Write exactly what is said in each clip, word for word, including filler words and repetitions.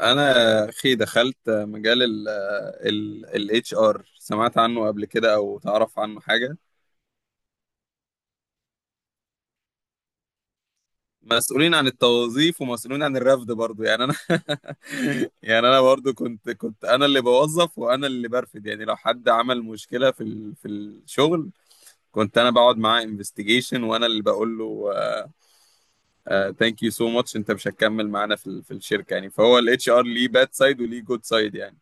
انا اخي دخلت مجال ال اتش ار، سمعت عنه قبل كده او تعرف عنه حاجه؟ مسؤولين عن التوظيف ومسؤولين عن الرفد برضو، يعني انا يعني انا برضو كنت كنت انا اللي بوظف وانا اللي برفد، يعني لو حد عمل مشكله في ال في الشغل كنت انا بقعد معاه انفستيجيشن وانا اللي بقول له ثانك يو سو ماتش، انت مش هتكمل معانا في ال- في الشركه، يعني فهو الاتش ار ليه باد سايد وليه جود سايد يعني.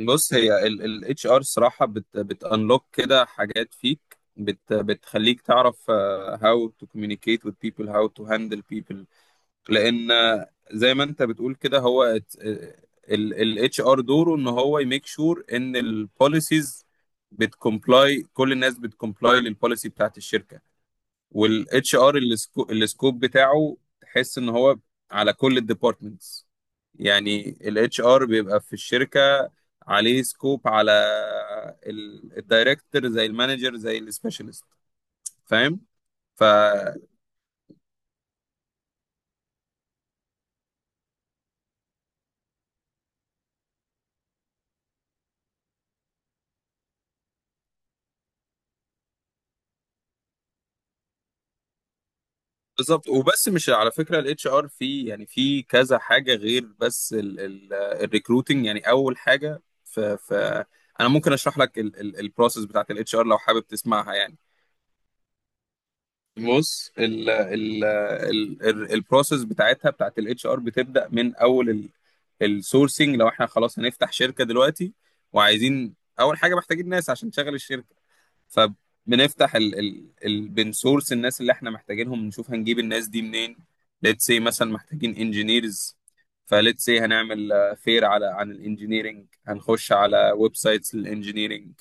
بص، هي الاتش ار الصراحه بت بتانلوك كده حاجات فيك، بت بتخليك تعرف آه، how to communicate with people, how to handle people. لان آه، زي ما انت بتقول كده، هو الاتش ار دوره ان هو يميك شور ان البوليسيز بتكمبلاي، كل الناس بتكمبلاي للبوليسي بتاعت الشركه. والاتش ار السكوب بتاعه تحس ان هو على كل الديبارتمنتس. يعني الاتش ار بيبقى في الشركه عليه سكوب على الدايركتور، زي المانجر، زي السبيشالست. فاهم؟ فبالظبط. وبس مش على فكره الاتش ار في، يعني في كذا حاجه غير بس الريكروتنج. يعني اول حاجه، ف ف انا ممكن اشرح لك البروسيس بتاعت الاتش ار لو حابب تسمعها يعني. بص، ال ال ال ال- البروسيس بتاعتها، بتاعت الاتش ار، بتبدا من اول السورسنج. لو احنا خلاص هنفتح شركه دلوقتي وعايزين اول حاجه، محتاجين ناس عشان تشغل الشركه، فبنفتح ال ال ال بنسورس الناس اللي احنا محتاجينهم، نشوف هنجيب الناس دي منين. ليتس سي، مثلا محتاجين انجينيرز، فليتس سي هنعمل فير على عن الانجينيرنج، هنخش على ويب سايتس للانجينيرنج.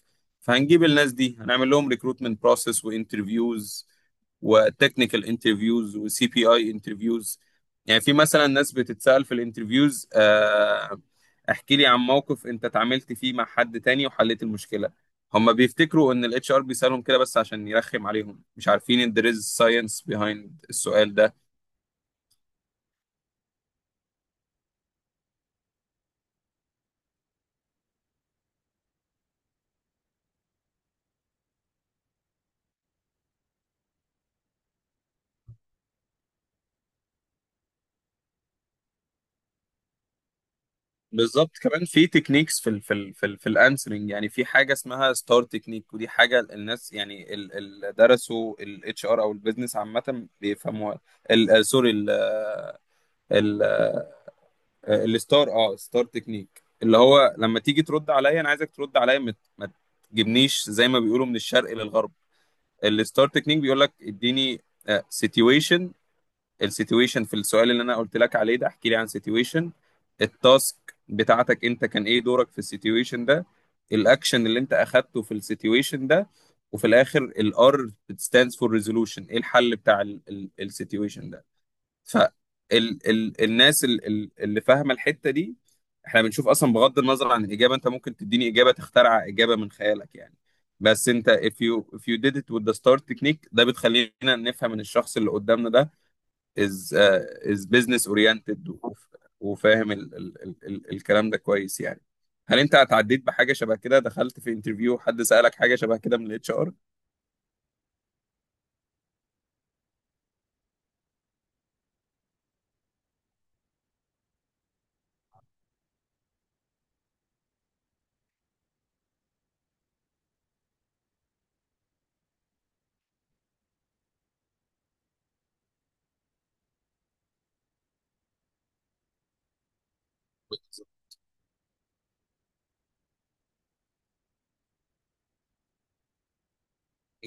فهنجيب الناس دي، هنعمل لهم ريكروتمنت بروسيس وانترفيوز وتكنيكال انترفيوز وسي بي اي انترفيوز. يعني في مثلا ناس بتتسأل في الانترفيوز آه، احكي لي عن موقف انت اتعاملت فيه مع حد تاني وحليت المشكلة. هم بيفتكروا ان الاتش ار بيسالهم كده بس عشان يرخم عليهم، مش عارفين ان there is science behind السؤال ده. بالظبط، كمان في تكنيكس في ال في ال في, ال في الانسرنج. يعني في حاجه اسمها ستار تكنيك، ودي حاجه الناس، يعني اللي درسوا الاتش ار او البيزنس عامه، بيفهموها. ال- آه، سوري، ال- آه، ال- آه، الستار اه ستار تكنيك، اللي هو لما تيجي ترد عليا، انا عايزك ترد عليا، ما ت- ما تجيبنيش زي ما بيقولوا من الشرق للغرب. الستار تكنيك بيقول لك اديني سيتويشن. السيتويشن في السؤال اللي انا قلت لك عليه ده، احكي لي عن سيتويشن. التاسك بتاعتك انت، كان ايه دورك في السيتويشن ده. الاكشن اللي انت اخدته في السيتويشن ده. وفي الاخر الار stands for resolution، ايه الحل بتاع السيتويشن ده. ف ال ال الناس ال ال اللي فاهمه الحته دي، احنا بنشوف اصلا بغض النظر عن الاجابه. انت ممكن تديني اجابه، تخترع اجابه من خيالك يعني، بس انت if you if you did it with the star technique، ده بتخلينا نفهم ان الشخص اللي قدامنا ده از از بزنس اورينتد وفاهم ال ال ال ال الكلام ده كويس يعني. هل انت اتعديت بحاجه شبه كده، دخلت في انترفيو حد سألك حاجه شبه كده من الاتش ار؟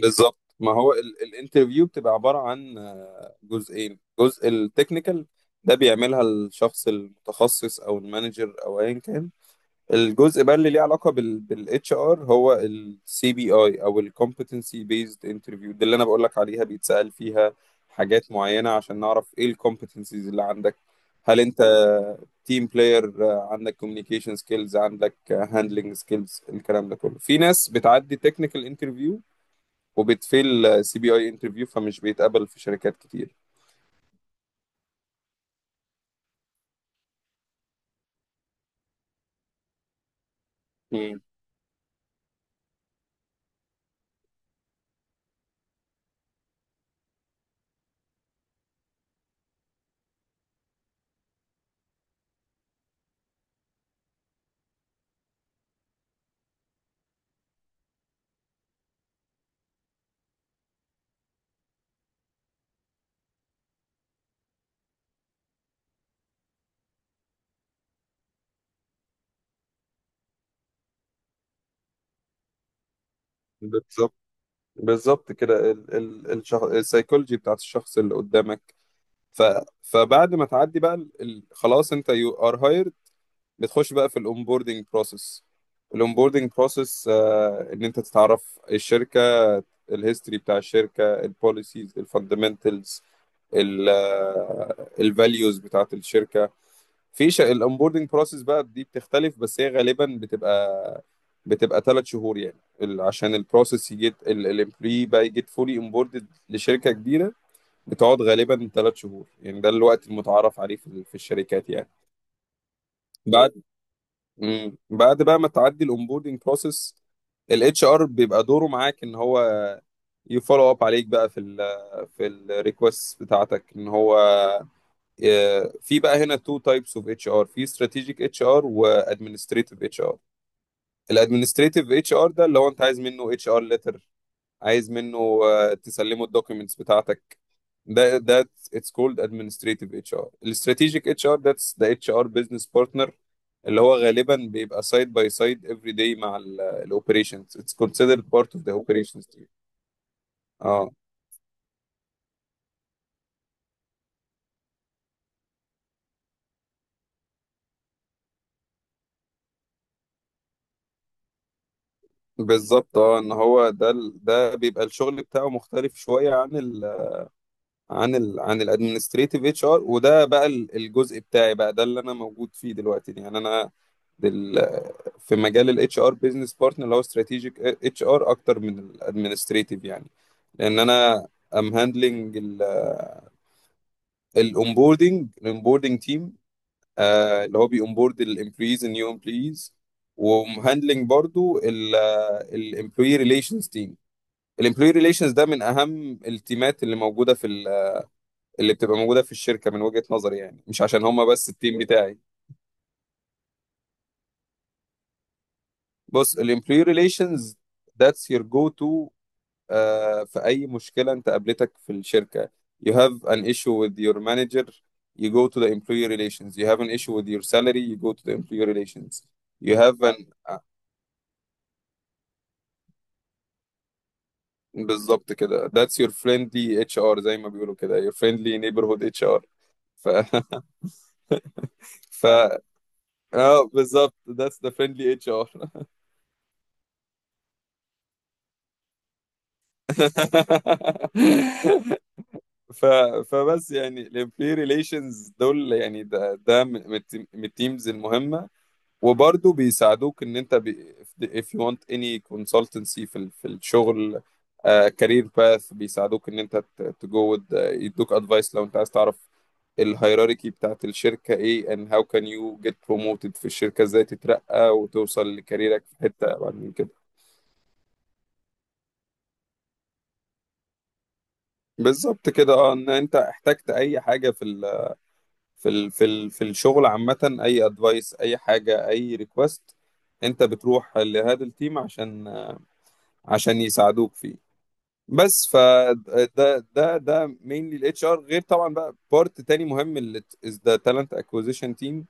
بالظبط. ما هو ال- الانترفيو بتبقى عبارة عن آه، جزئين: جزء التكنيكال، ده بيعملها الشخص المتخصص او المانجر او ايا كان. الجزء بقى اللي ليه علاقه بال بالاتش ار هو السي بي اي او الكومبتنسي بيزد انترفيو، دي اللي انا بقول لك عليها، بيتسأل فيها حاجات معينه عشان نعرف ايه الكومبتنسيز اللي عندك. هل انت تيم بلاير، عندك كوميونيكيشن سكيلز، عندك هاندلنج سكيلز؟ الكلام ده كله. في ناس بتعدي تكنيكال انترفيو وبتفيل سي بي اي انترفيو، فمش بيتقبل في شركات كتير. مم. بالظبط، بالظبط كده، السايكولوجي بتاعت الشخص اللي قدامك. ف... فبعد ما تعدي بقى ال... ال- خلاص انت يو ار هايرد، بتخش بقى في الاونبوردنج بروسيس. الاونبوردنج بروسيس ان انت تتعرف الشركه، الهيستوري بتاع الشركه، البوليسيز، الفاندمنتالز، الفاليوز بتاعت الشركه. في ش... الاونبوردنج بروسيس بقى دي بتختلف، بس هي غالبا بتبقى بتبقى ثلاث شهور. يعني ال- عشان البروسيس يجي الامبلوي بقى يجي فولي امبوردد لشركه كبيره، بتقعد غالبا ثلاث شهور. يعني ده الوقت المتعارف عليه في في الشركات يعني. بعد مم. بعد بقى ما تعدي الاونبوردنج بروسيس، الاتش ار بيبقى دوره معاك ان هو يفولو اب عليك بقى في ال في الريكوست بتاعتك، ان هو آه، في بقى هنا تو تايبس اوف اتش ار: في استراتيجيك اتش ار وادمنستريتيف اتش ار. الادمنستريتيف اتش ار ده اللي هو انت عايز منه اتش ار ليتر، عايز منه آه، تسلمه الدوكيومنتس بتاعتك. ده ده اتس كولد ادمنستريتيف اتش ار. الاستراتيجيك اتش ار، ذاتس ذا اتش ار بزنس بارتنر، اللي هو غالبا بيبقى سايد باي سايد افري داي مع الاوبريشنز، اتس كونسيدرد بارت اوف ذا اوبريشنز تيم. اه بالظبط، اه ان هو ده ال- ده بيبقى الشغل بتاعه مختلف شويه عن ال عن ال عن الادمنستريتيف اتش ار. وده بقى ال- الجزء بتاعي بقى، ده اللي انا موجود فيه دلوقتي يعني. انا دل في مجال الاتش ار بزنس بارتنر، اللي هو استراتيجيك اتش ار اكتر من الادمنستريتيف يعني. لان انا ام هاندلنج الاونبوردنج الاونبوردنج تيم، اللي هو بيونبورد الامبلويز النيو امبلويز. ومهندلنج برضو الامبلوي ريليشنز تيم. الامبلوي ريليشنز ده من اهم التيمات اللي موجوده في، اللي بتبقى موجوده في الشركه من وجهه نظري، يعني مش عشان هما بس التيم بتاعي. بص، الامبلوي ريليشنز ذاتس يور جو تو في اي مشكله انت قابلتك في الشركه. you have an issue with your manager, you go to the employee relations. you have an issue with your salary, you go to the employee relations. you have an آه، بالظبط كده. that's your friendly H R، زي ما بيقولوا كده، your friendly neighborhood H R. ف ف اه بالظبط، that's the friendly إتش آر. ف... فبس يعني الامبلوي ريليشنز دول، يعني ده ده من التيم- من التيمز المهمه. وبرضه بيساعدوك ان انت بي... if you want any consultancy في ال... في الشغل، كارير باث، بيساعدوك ان انت تجو يدوك ادفايس. لو انت عايز تعرف الهيراركي بتاعت الشركه ايه، and how can you get promoted في الشركه، ازاي تترقى وتوصل لكاريرك في حته بعد من كده. بالظبط كده، اه ان انت احتجت اي حاجه في ال في ال في ال في الشغل عامة، أي أدفايس، أي حاجة، أي ريكوست، أنت بتروح لهذا التيم عشان عشان يساعدوك فيه. بس فده ده ده ده mainly ال H R. غير طبعا بقى part تاني مهم، اللي t- is the talent acquisition team,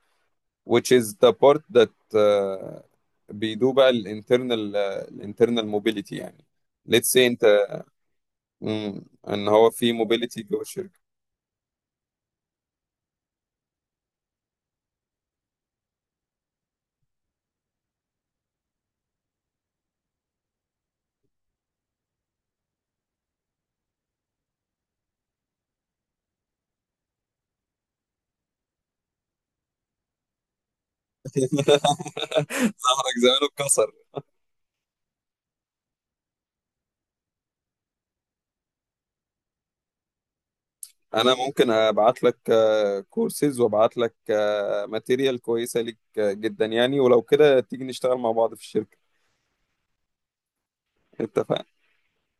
which is the part that uh, بيدو بقى ال internal، uh, ال internal mobility يعني. let's say أنت، مم، إن هو في mobility جوه الشركة. ظهرك زمانه اتكسر. انا ممكن ابعت لك كورسز وابعت لك ماتيريال كويسه ليك آه، جدا يعني، ولو كده تيجي نشتغل مع بعض في الشركه. اتفقنا.